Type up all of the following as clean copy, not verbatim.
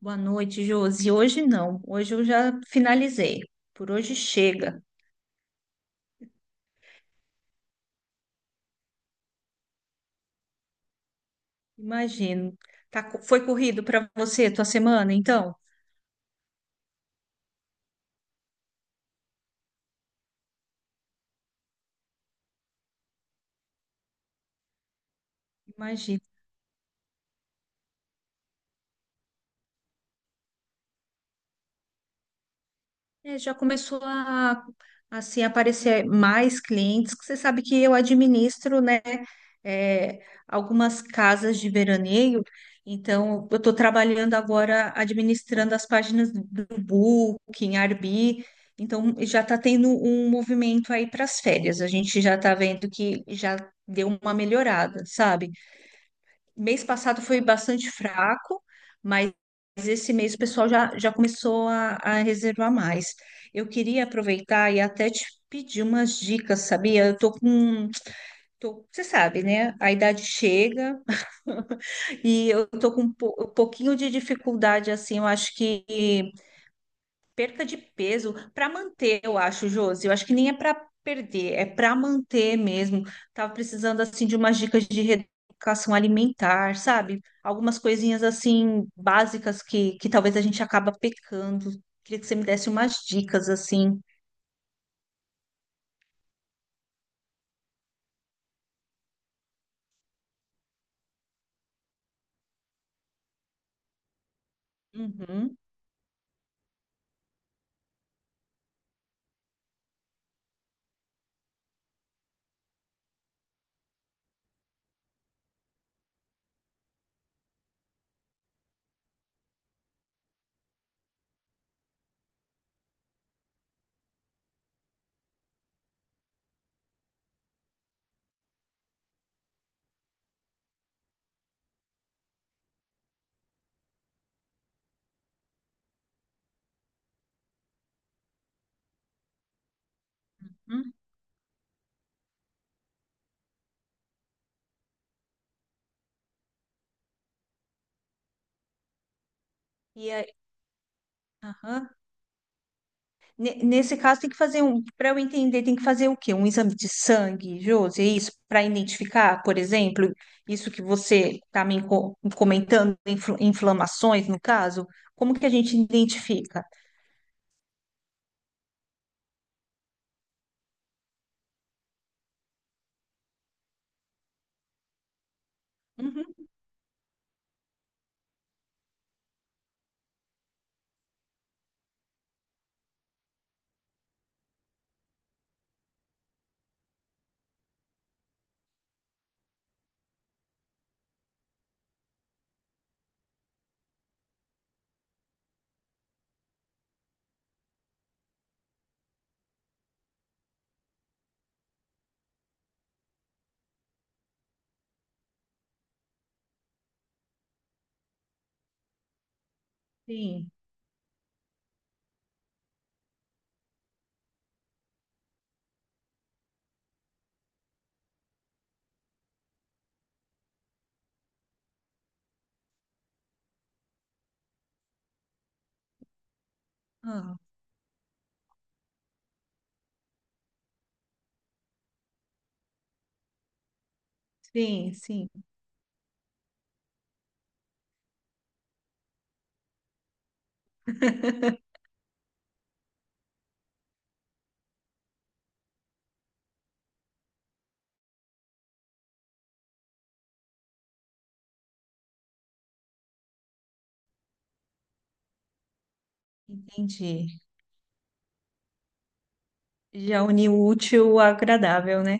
Boa noite, Josi. Hoje não. Hoje eu já finalizei. Por hoje chega. Imagino. Foi corrido para você tua semana, então? Já começou a aparecer mais clientes, que você sabe que eu administro, né, é, algumas casas de veraneio, então eu estou trabalhando agora administrando as páginas do Booking, Airbnb, então já está tendo um movimento aí para as férias, a gente já está vendo que já deu uma melhorada, sabe? Mês passado foi bastante fraco, mas esse mês o pessoal já começou a reservar mais. Eu queria aproveitar e até te pedir umas dicas, sabia? Eu tô com, tô- Você sabe, né? A idade chega e eu tô com um pouquinho de dificuldade, assim, eu acho que perca de peso para manter, eu acho, Josi. Eu acho que nem é para perder, é para manter mesmo. Tava precisando assim de umas dicas de reeducação alimentar, sabe? Algumas coisinhas assim básicas que talvez a gente acaba pecando. Queria que você me desse umas dicas assim. Uhum. Hum. E aí, aham. Nesse caso, tem que fazer um, para eu entender, tem que fazer o quê? Um exame de sangue, Josi, é isso? Para identificar, por exemplo, isso que você está me comentando, inflamações, no caso, como que a gente identifica? Uhum, sim, Ah, sim, sim, entendi. Já uni o útil ao agradável, né?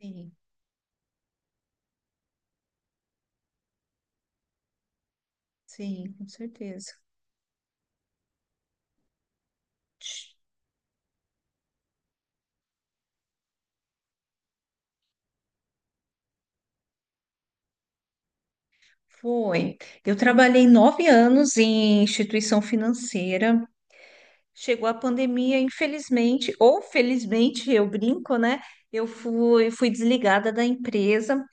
Sim, sim, com certeza. Foi. Eu trabalhei 9 anos em instituição financeira. Chegou a pandemia, infelizmente, ou felizmente, eu brinco, né? Eu fui desligada da empresa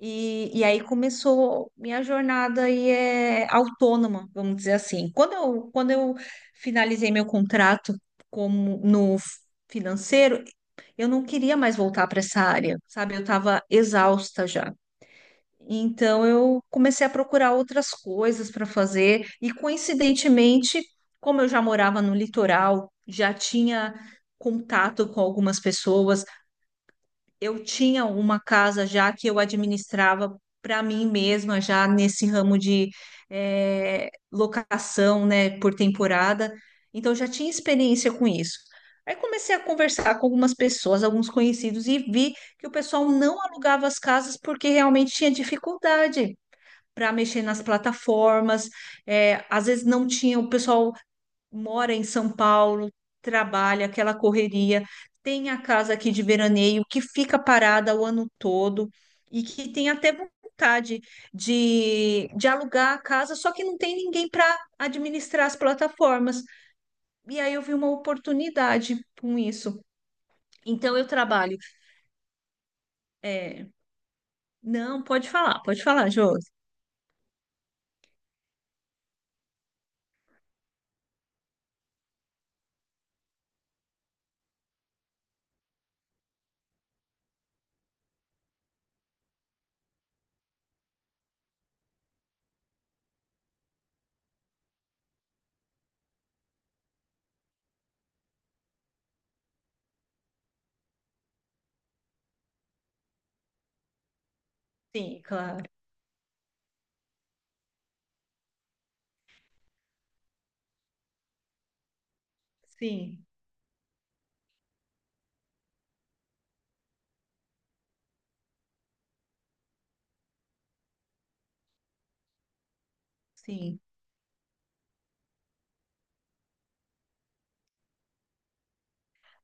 e aí começou minha jornada aí é autônoma, vamos dizer assim. Quando eu finalizei meu contrato como no financeiro, eu não queria mais voltar para essa área, sabe? Eu estava exausta já. Então eu comecei a procurar outras coisas para fazer e coincidentemente, como eu já morava no litoral, já tinha contato com algumas pessoas, eu tinha uma casa já que eu administrava para mim mesma já nesse ramo de locação, né, por temporada. Então eu já tinha experiência com isso. Aí comecei a conversar com algumas pessoas, alguns conhecidos, e vi que o pessoal não alugava as casas porque realmente tinha dificuldade para mexer nas plataformas. É, às vezes não tinha, o pessoal mora em São Paulo, trabalha, aquela correria. Tem a casa aqui de veraneio que fica parada o ano todo e que tem até vontade de alugar a casa, só que não tem ninguém para administrar as plataformas. E aí eu vi uma oportunidade com isso. Então eu trabalho. é, Não, pode falar, Jô. Sim, claro. Sim, sim.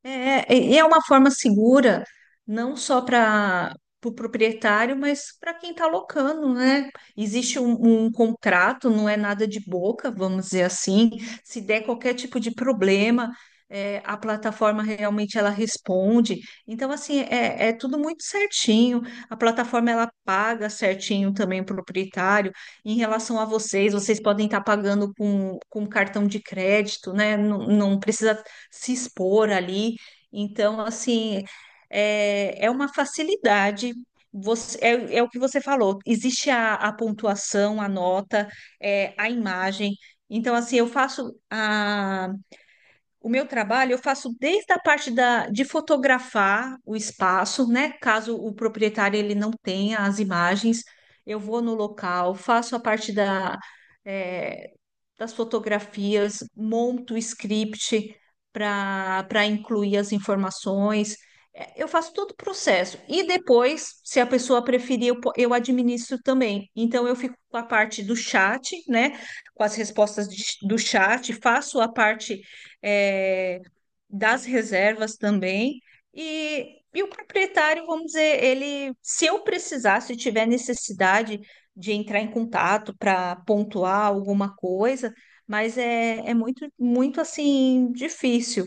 É, e é uma forma segura, não só para o proprietário, mas para quem está locando, né? Existe um contrato, não é nada de boca, vamos dizer assim. Se der qualquer tipo de problema, a plataforma realmente ela responde. Então, assim, é tudo muito certinho. A plataforma ela paga certinho também o proprietário. Em relação a vocês, vocês podem estar pagando com cartão de crédito, né? Não precisa se expor ali. Então, assim, é uma facilidade. É o que você falou, existe a pontuação, a nota, a imagem. Então, assim, o meu trabalho, eu faço desde de fotografar o espaço, né? Caso o proprietário ele não tenha as imagens, eu vou no local, faço a parte da, é, das fotografias, monto o script para incluir as informações. É, Eu faço todo o processo. E depois, se a pessoa preferir, eu administro também. Então, eu fico com a parte do chat, né? Com as respostas do chat, faço a parte, é, das reservas também. E o proprietário, vamos dizer, ele, se eu precisar, se tiver necessidade, de entrar em contato para pontuar alguma coisa, mas é, é muito assim difícil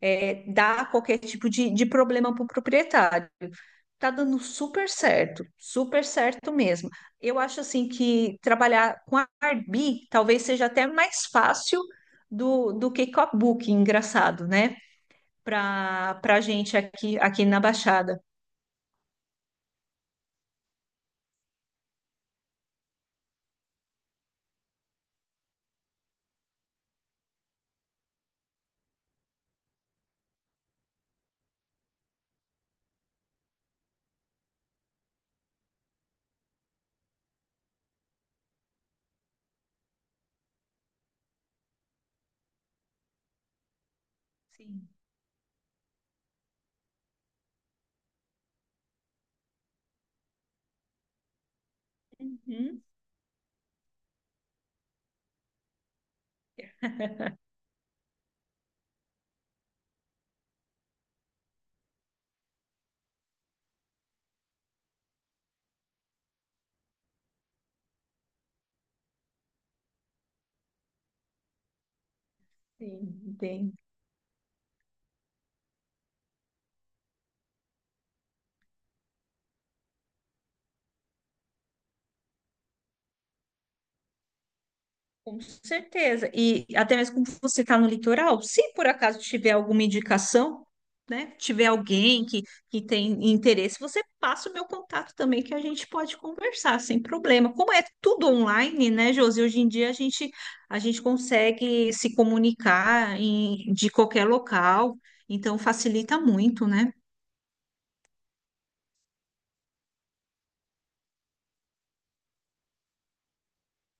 dar qualquer tipo de problema para o proprietário. Tá dando super certo mesmo. Eu acho assim que trabalhar com a Arbi talvez seja até mais fácil do que com a Booking, engraçado, né? Para gente aqui na Baixada. Sim. Uhum. Sim, entendi. Com certeza. E até mesmo como você está no litoral, se por acaso tiver alguma indicação, né? Tiver alguém que tem interesse, você passa o meu contato também, que a gente pode conversar sem problema. Como é tudo online, né, Josi? Hoje em dia a gente consegue se comunicar de qualquer local, então facilita muito, né?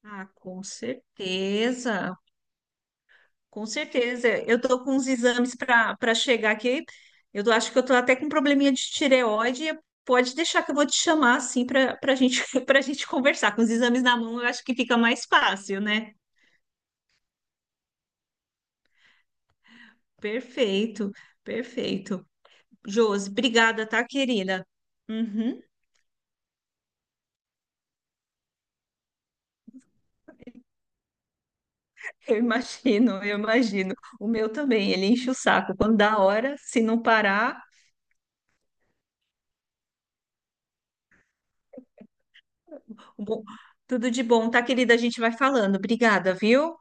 Ah, com certeza. Com certeza. Eu tô com uns exames para chegar aqui. Acho que eu tô até com um probleminha de tireoide. Pode deixar que eu vou te chamar assim para gente para gente conversar. Com os exames na mão, eu acho que fica mais fácil, né? Perfeito, perfeito. Josi, obrigada, tá, querida? Uhum, eu imagino, eu imagino. O meu também, ele enche o saco. Quando dá hora, se não parar, bom, tudo de bom, tá, querida? A gente vai falando. Obrigada, viu?